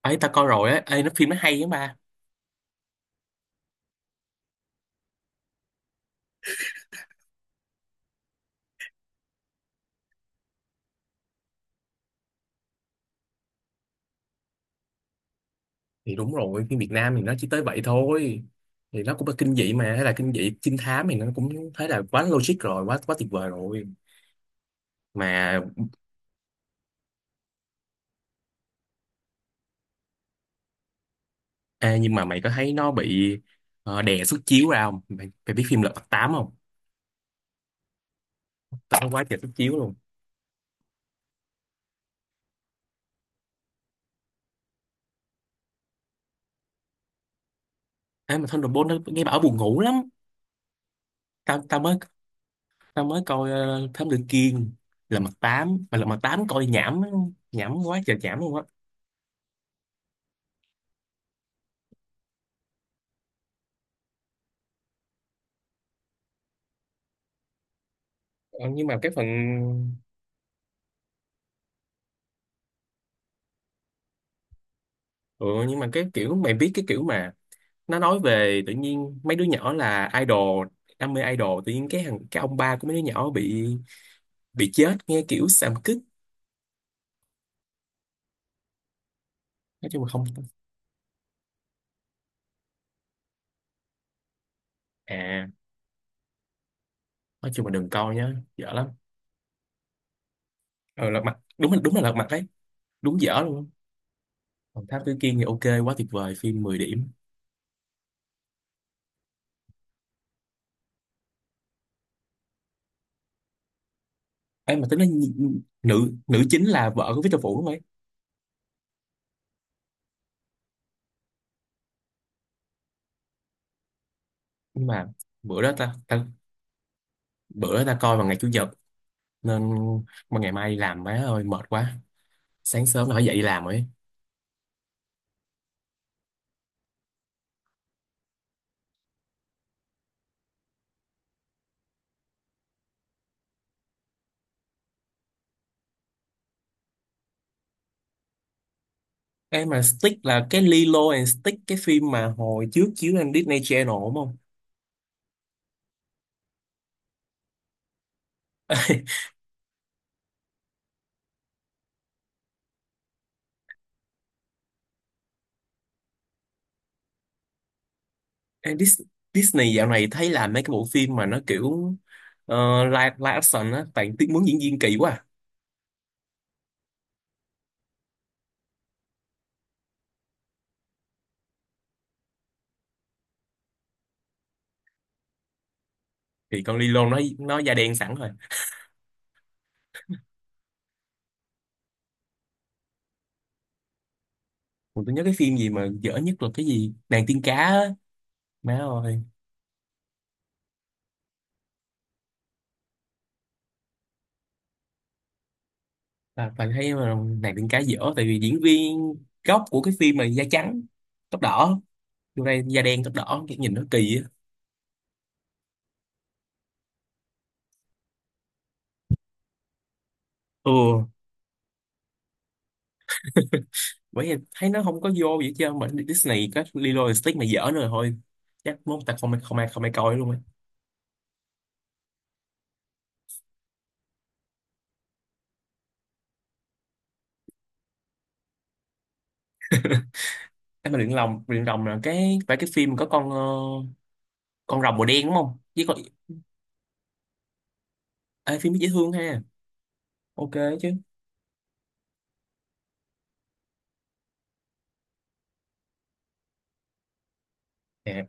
Ấy ta coi rồi á. Ê, nó phim nó hay lắm ba. Thì đúng rồi, phim Việt Nam thì nó chỉ tới vậy thôi. Thì nó cũng là kinh dị mà, hay là kinh dị trinh thám, thì nó cũng thấy là quá logic rồi, quá quá tuyệt vời rồi mà. Ê, nhưng mà mày có thấy nó bị đè xuất chiếu ra không mày? Mày biết phim Lật Mặt Tám không? Tao thấy quá trời xuất chiếu luôn. Ê, mà Thunderbolt nó nghe bảo buồn ngủ lắm. Tao tao mới tao mới coi Thám Tử Kiên. Lật Mặt Tám, mà Lật Mặt Tám coi nhảm, nhảm quá trời nhảm luôn á. Ờ, nhưng mà cái phần, ừ, nhưng mà cái kiểu mày biết, cái kiểu mà nó nói về tự nhiên mấy đứa nhỏ là idol, đam mê idol, tự nhiên cái thằng, cái ông ba của mấy đứa nhỏ bị chết, nghe kiểu xàm kích. Nói chung là không. À, nói chung là đừng coi nhá, dở lắm. Ờ, lật mặt đúng là, đúng là lật mặt đấy, đúng dở luôn. Còn Thám Tử Kiên thì ok, quá tuyệt vời, phim 10 điểm. Ấy mà tính nói nhi- nữ nữ chính là vợ của Victor Vũ đúng không ấy? Nhưng mà bữa đó ta, ta bữa đó ta coi vào ngày chủ nhật nên, mà ngày mai đi làm, má ơi mệt quá, sáng sớm là phải dậy đi làm ấy. Cái mà Stick là cái Lilo and Stick, cái phim mà hồi trước chiếu trên Disney Channel đúng không? Em Dis- Disney dạo này thấy làm mấy cái bộ phim mà nó kiểu live, live action á, toàn tiếng muốn diễn viên kỳ quá à. Thì con Lilo nó da đen sẵn rồi. Còn tôi nhớ cái phim gì mà dở nhất là cái gì? Nàng tiên cá á. Má ơi, là toàn thấy mà, nàng tiên cá dở tại vì diễn viên gốc của cái phim mà da trắng, tóc đỏ. Vô đây da đen tóc đỏ, cái nhìn nó kỳ á. Ừ, bởi vì thấy nó không có vô vậy, chứ mà Disney có Lilo and Stitch mà dở nữa rồi thôi, chắc muốn ta không không ai không ai coi luôn á. Em mà luyện lòng luyện rồng là cái, phải cái phim có con con rồng màu đen đúng không, với con. Ê, phim dễ thương ha. Ok chứ. Nè,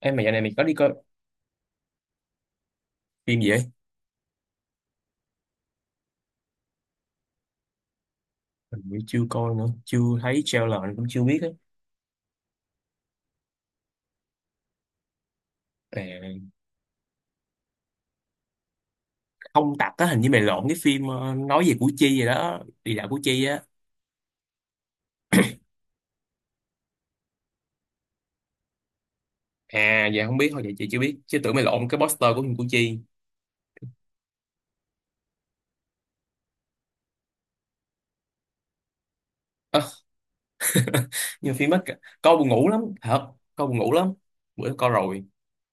em mà giờ này mình có đi coi phim gì vậy? Mình cũng chưa coi nữa, chưa thấy trailer mình cũng chưa biết á. Nè, không tặc á, hình như mày lộn cái phim nói về Củ Chi vậy đó, đi dạo Củ Chi á. À, dạ không biết, thôi vậy chị chưa biết, chứ tưởng mày lộn cái poster của phim Củ Chi. Nhiều phim mất. Coi buồn ngủ lắm thật, coi buồn ngủ lắm. Bữa đó coi rồi,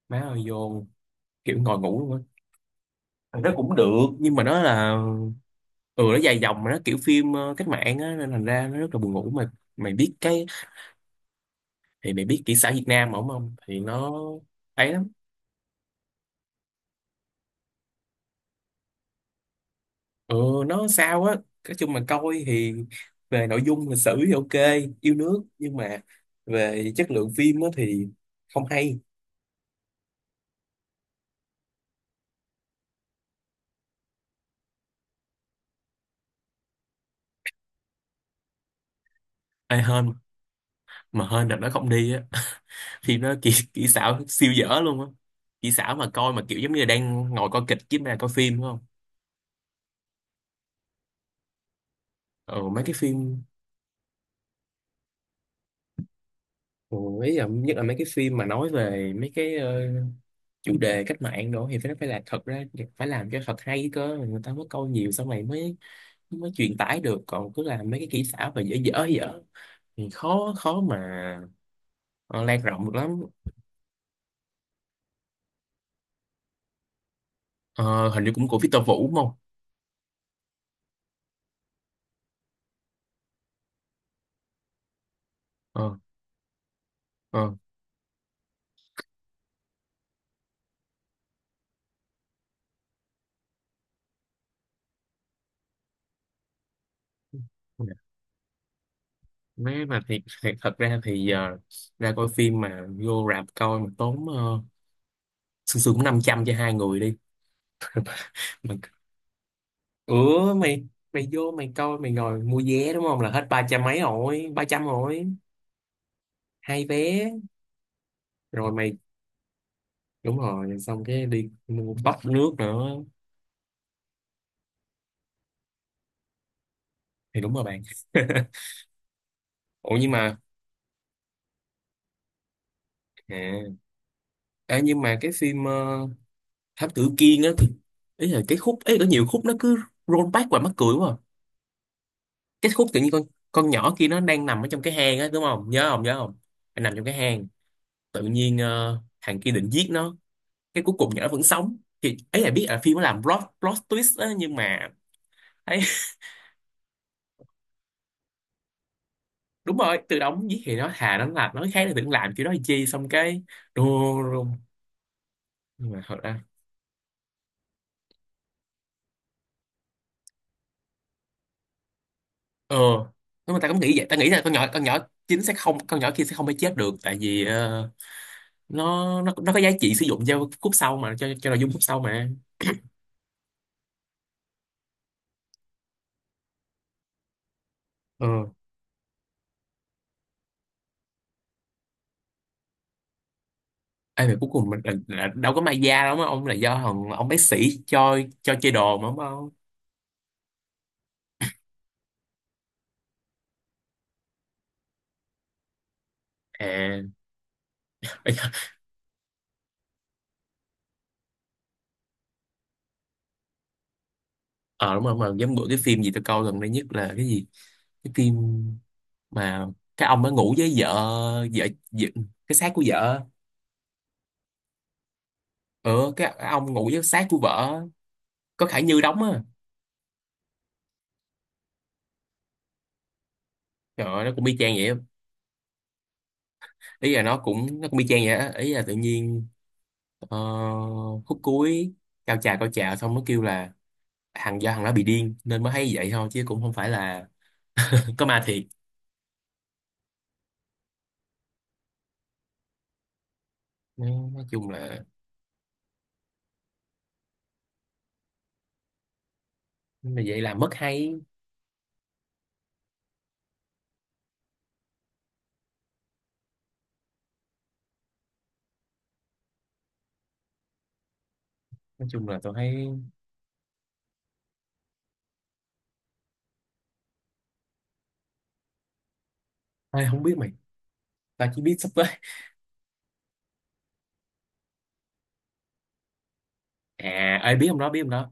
má ơi vô kiểu ngồi ngủ luôn á. Thằng đó cũng được, nhưng mà nó là, ừ nó dài dòng mà, nó kiểu phim cách mạng á, nên thành ra nó rất là buồn ngủ mà. Mày biết cái, thì mày biết kỹ xã Việt Nam mà, không không thì nó ấy lắm. Ừ, nó sao á. Nói chung mà coi thì về nội dung lịch sử thì ok, yêu nước, nhưng mà về chất lượng phim á thì không hay. Ê hên, mà hên đợt nó không đi á. Phim nó kỹ, kỹ xảo siêu dở luôn á. Kỹ xảo mà coi mà kiểu giống như là đang ngồi coi kịch chứ, mà coi phim đúng không. Ờ, mấy cái phim, ừ, ý là nhất là mấy cái phim mà nói về mấy cái chủ đề cách mạng đồ, thì phải, nó phải là, thật ra phải làm cho thật hay cơ, người ta mới coi nhiều, xong rồi mới, mới truyền tải được. Còn cứ làm mấy cái kỹ xảo và dở dở dở thì khó, khó mà ờ, lan rộng được lắm. Ờ, hình như cũng của Victor Vũ đúng không. Ờ. Ờ. Nếu mà thiệt, thiệt thật ra thì giờ ra coi phim mà vô rạp coi mà tốn sương sương cũng 500 cho hai người đi. Mà, ủa mày, mày vô mày coi mày ngồi mua vé đúng không, là hết ba trăm mấy rồi, ba trăm rồi, hai vé. Rồi mày, đúng rồi, xong cái đi mua bắp nước nữa. Thì đúng rồi bạn. Ủa nhưng mà, à, à, nhưng mà cái phim Thám Tử Kiên á thì, ý là cái khúc ấy có nhiều khúc nó cứ roll back và mắc cười quá à. Cái khúc tự nhiên con nhỏ kia nó đang nằm ở trong cái hang á đúng không, nhớ không nhớ không? Nó nằm trong cái hang, tự nhiên thằng kia định giết nó, cái cuối cùng nhỏ vẫn sống, thì ấy là biết là phim nó làm plot plot twist á, nhưng mà ấy. Đúng rồi, từ đó giết thì nó, thà nó làm nói khác, thì đừng làm kiểu đó làm chi, xong cái run run. Nhưng mà thật ra, ờ nếu mà ta cũng nghĩ vậy, ta nghĩ là con nhỏ, con nhỏ chính sẽ không, con nhỏ kia sẽ không phải chết được, tại vì nó có giá trị sử dụng cho khúc sau mà, cho nội dung khúc sau mà. Ờ. Ê, mà cuối cùng mình là đâu có may da đâu, mà ông là do thằng ông bác sĩ cho chơi đồ mà đúng không? À, ờ đúng rồi, mà giống bữa cái phim gì tôi coi gần đây nhất là cái gì? Cái phim mà cái ông đã ngủ với vợ, vợ cái xác của vợ. Ừ, cái ông ngủ với xác của vợ có Khải Như đóng á. Trời ơi, nó cũng y chang vậy á. Ý là nó cũng, nó cũng y chang vậy á. Ý là tự nhiên ờ, khúc cuối cao trào, cao trào xong nó kêu là thằng, do thằng đó bị điên nên mới thấy vậy thôi, chứ cũng không phải là có ma thiệt. Ừ, nói chung là, mà vậy là mất hay. Nói chung là tôi thấy. Ê, không biết mày, tao chỉ biết sắp tới. À ơi biết ông đó, biết ông đó.